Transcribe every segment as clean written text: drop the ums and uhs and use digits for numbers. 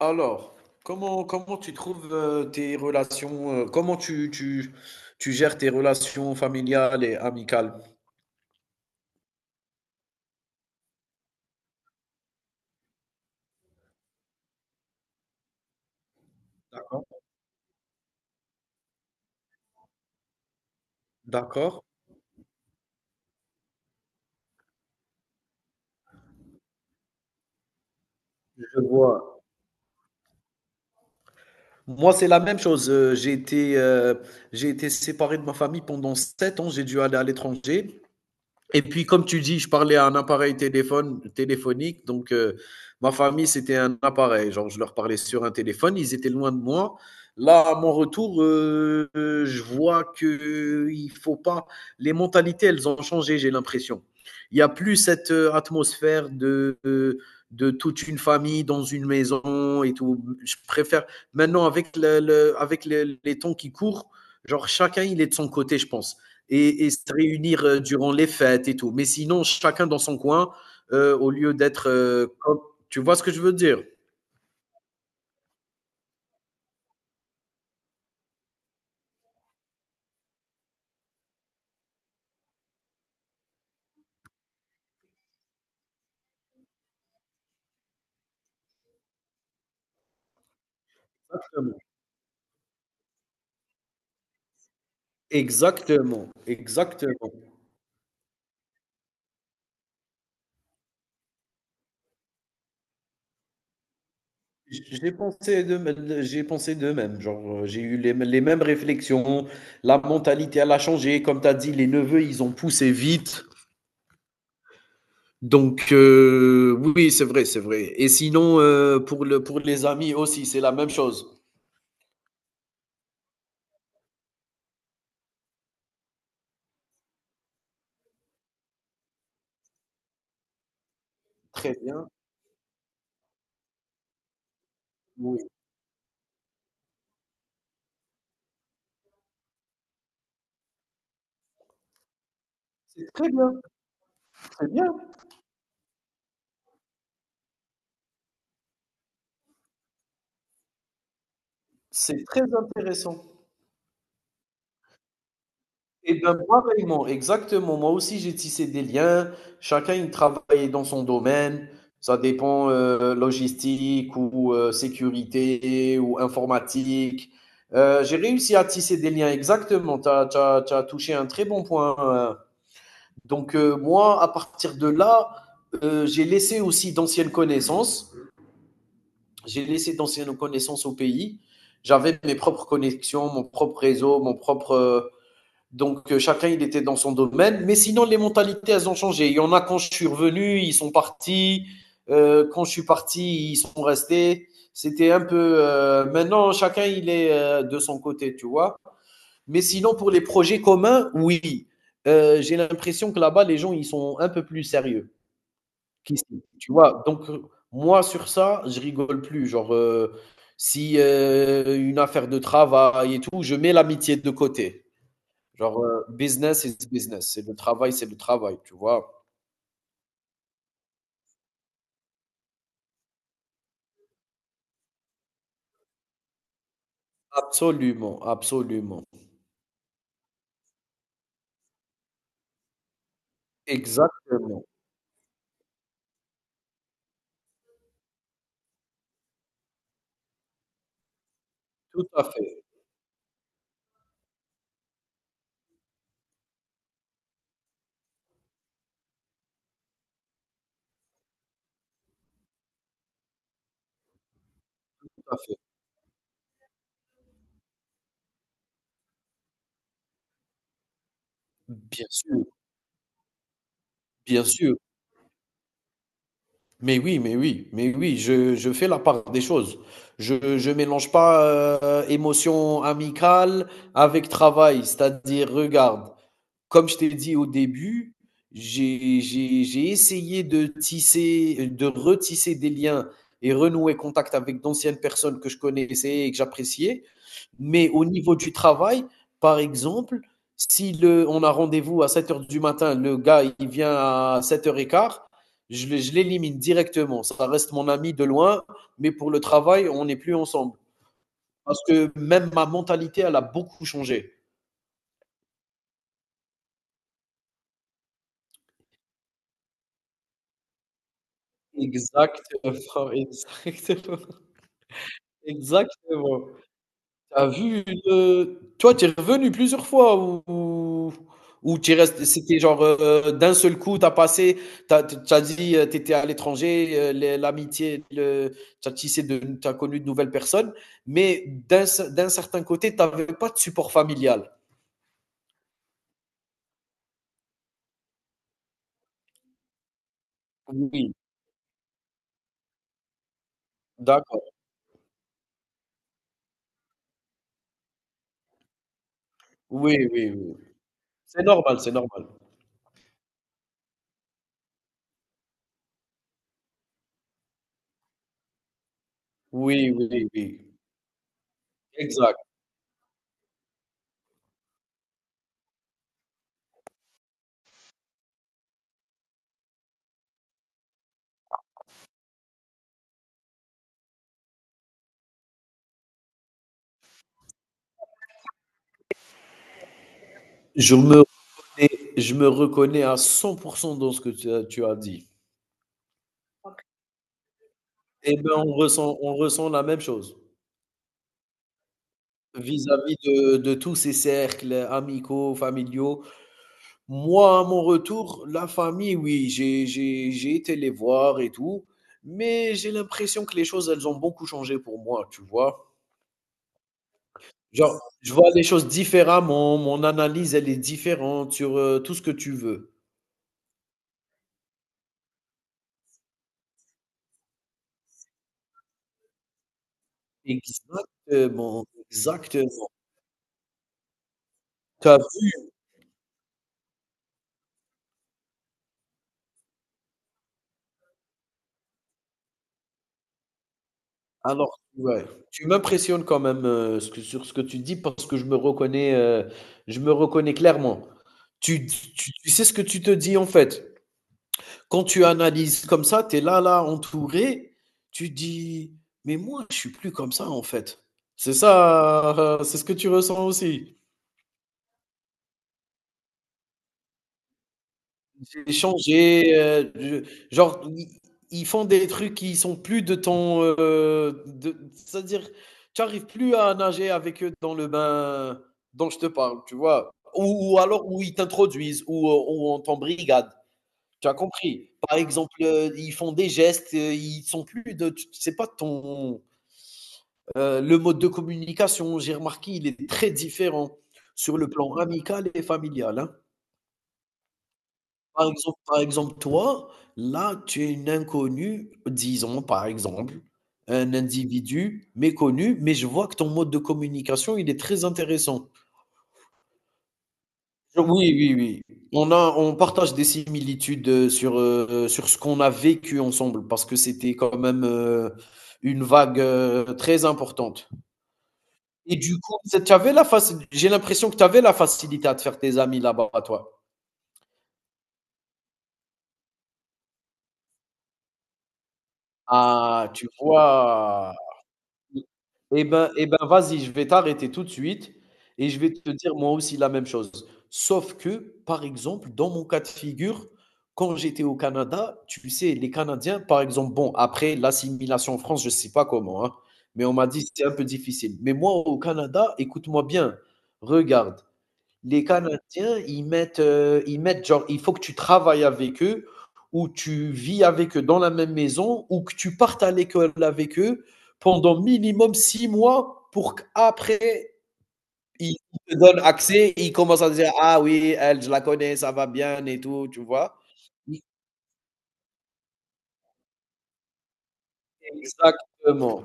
Alors, comment tu trouves tes relations, comment tu gères tes relations familiales et amicales? D'accord. D'accord? Je vois. Moi, c'est la même chose. J'ai été séparé de ma famille pendant 7 ans. J'ai dû aller à l'étranger. Et puis, comme tu dis, je parlais à un appareil téléphonique. Donc, ma famille, c'était un appareil. Genre, je leur parlais sur un téléphone. Ils étaient loin de moi. Là, à mon retour, je vois que il faut pas. Les mentalités, elles ont changé. J'ai l'impression. Il y a plus cette atmosphère de toute une famille dans une maison et tout. Je préfère maintenant avec avec les temps qui courent. Genre, chacun, il est de son côté, je pense et se réunir durant les fêtes et tout. Mais sinon, chacun dans son coin, au lieu d'être Tu vois ce que je veux dire? Exactement, exactement. J'ai pensé de même, genre j'ai eu les mêmes réflexions, la mentalité elle a changé, comme tu as dit, les neveux ils ont poussé vite, donc oui c'est vrai, c'est vrai. Et sinon pour les amis aussi c'est la même chose. Très bien, oui, c'est très bien, c'est très intéressant. Eh ben, pareillement, exactement. Moi aussi, j'ai tissé des liens. Chacun, il travaillait dans son domaine. Ça dépend logistique ou sécurité ou informatique. J'ai réussi à tisser des liens, exactement. Tu as, touché un très bon point. Donc, moi, à partir de là, j'ai laissé aussi d'anciennes connaissances. J'ai laissé d'anciennes connaissances au pays. J'avais mes propres connexions, mon propre réseau, donc, chacun, il était dans son domaine. Mais sinon, les mentalités, elles ont changé. Il y en a quand je suis revenu, ils sont partis. Quand je suis parti, ils sont restés. C'était un peu. Maintenant, chacun, il est de son côté, tu vois. Mais sinon, pour les projets communs, oui. J'ai l'impression que là-bas, les gens, ils sont un peu plus sérieux qu'ici, tu vois. Donc, moi, sur ça, je rigole plus. Genre, si une affaire de travail et tout, je mets l'amitié de côté. Genre, business is business. C'est le travail, tu vois. Absolument, absolument. Exactement. Tout à fait, tout à fait. Bien sûr, bien sûr. Mais oui, mais oui, mais oui, je fais la part des choses. Je mélange pas émotion amicale avec travail. C'est-à-dire, regarde, comme je t'ai dit au début, j'ai essayé de tisser, de retisser des liens et renouer contact avec d'anciennes personnes que je connaissais et que j'appréciais. Mais au niveau du travail, par exemple, si le, on a rendez-vous à 7 heures du matin, le gars, il vient à sept heures 15. Je l'élimine directement. Ça reste mon ami de loin, mais pour le travail, on n'est plus ensemble. Parce que même ma mentalité, elle a beaucoup changé. Exactement, exactement, exactement. T'as vu une toi, t'es revenu plusieurs fois ou tu resté c'était genre, d'un seul coup, t'as passé T'as as dit, tu à l'étranger, les l'amitié, le tu tissé de t'as connu de nouvelles personnes, mais d'un ce d'un certain côté, t'avais pas de support familial? Oui, d'accord. Oui, oui, oui. C'est normal, c'est normal. Oui, oui, oui. Exact. Je me reconnais je me reconnais à 100 dans ce que tu as dit. Eh ben, on ressent la même chose. Vis-à-vis de tous ces cercles amicaux, familiaux. Moi, à mon retour, la famille, oui, j'ai été les voir et tout, mais j'ai l'impression que les choses, elles ont beaucoup changé pour moi, tu vois? Genre, je vois les choses différemment, mon analyse, elle est différente sur, tout ce que tu veux. Exactement, exactement. Tu vu? Alors, ouais, tu m'impressionnes quand même, ce que sur ce que tu dis parce que je me reconnais clairement. Tu tu sais ce que tu te dis, en fait. Quand tu analyses comme ça, tu es là, là, entouré, tu dis: «Mais moi, je suis plus comme ça, en fait». C'est ça, c'est ce que tu ressens aussi? J'ai changé, je genre, ils font des trucs qui sont plus de ton, de c'est-à-dire, tu arrives plus à nager avec eux dans le bain dont je te parle, tu vois? Ou alors où ils t'introduisent, ou on t'embrigade, tu as compris? Par exemple, ils font des gestes, ils sont plus de t c'est pas ton, le mode de communication, j'ai remarqué, il est très différent sur le plan amical et familial, hein. Par exemple, toi, là, tu es une inconnue, disons, par exemple, un individu méconnu, mais je vois que ton mode de communication, il est très intéressant. Oui, oui, oui. On partage des similitudes, sur ce qu'on a vécu ensemble parce que c'était quand même, une vague, très importante et du coup, tu avais la faci j'ai l'impression que tu avais la facilité à te faire tes amis là-bas, toi. Ah, tu vois? Mmh. Eh ben, vas-y, je vais t'arrêter tout de suite et je vais te dire moi aussi la même chose. Sauf que, par exemple, dans mon cas de figure, quand j'étais au Canada, tu sais, les Canadiens, par exemple, bon, après l'assimilation en France, je ne sais pas comment, hein, mais on m'a dit: que «C'était un peu difficile». Mais moi, au Canada, écoute-moi bien, regarde, les Canadiens, ils mettent genre, il faut que tu travailles avec eux ou tu vis avec eux dans la même maison ou que tu partes à l'école avec eux pendant minimum 6 mois pour qu'après ils te donnent accès, ils commencent à dire: «Ah oui, elle, je la connais, ça va bien et tout», tu vois? Oui, exactement.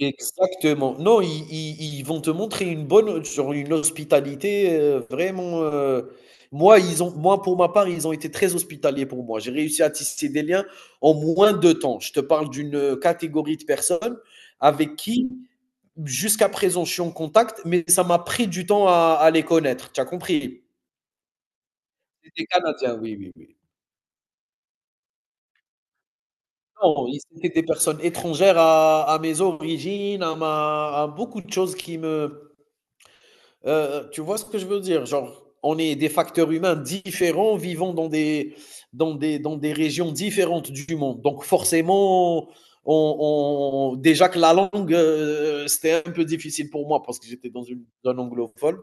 Exactement. Non, ils vont te montrer une bonne sur une hospitalité, vraiment, moi, pour ma part, ils ont été très hospitaliers pour moi. J'ai réussi à tisser des liens en moins de temps. Je te parle d'une, catégorie de personnes avec qui, jusqu'à présent, je suis en contact, mais ça m'a pris du temps à les connaître. Tu as compris? C'était canadien, oui, oui, oui. Non, ils étaient des personnes étrangères à mes origines, à beaucoup de choses qui me Tu vois ce que je veux dire? Genre, on est des facteurs humains différents vivant dans des régions différentes du monde. Donc forcément, on on déjà que la langue, c'était un peu difficile pour moi parce que j'étais dans une zone anglophone.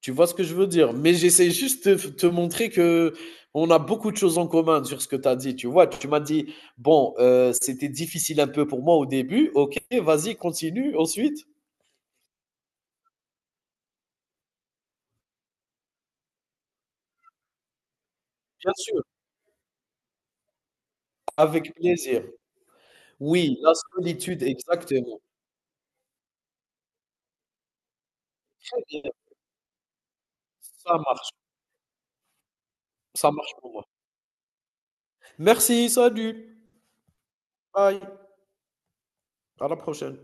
Tu vois ce que je veux dire? Mais j'essaie juste de te montrer que on a beaucoup de choses en commun sur ce que tu as dit, tu vois? Tu m'as dit: «Bon, c'était difficile un peu pour moi au début». OK, vas-y, continue, ensuite? Bien sûr, avec plaisir. Oui, la solitude, exactement. Très bien. Ça marche, ça marche pour moi. Merci, salut. Bye. À la prochaine.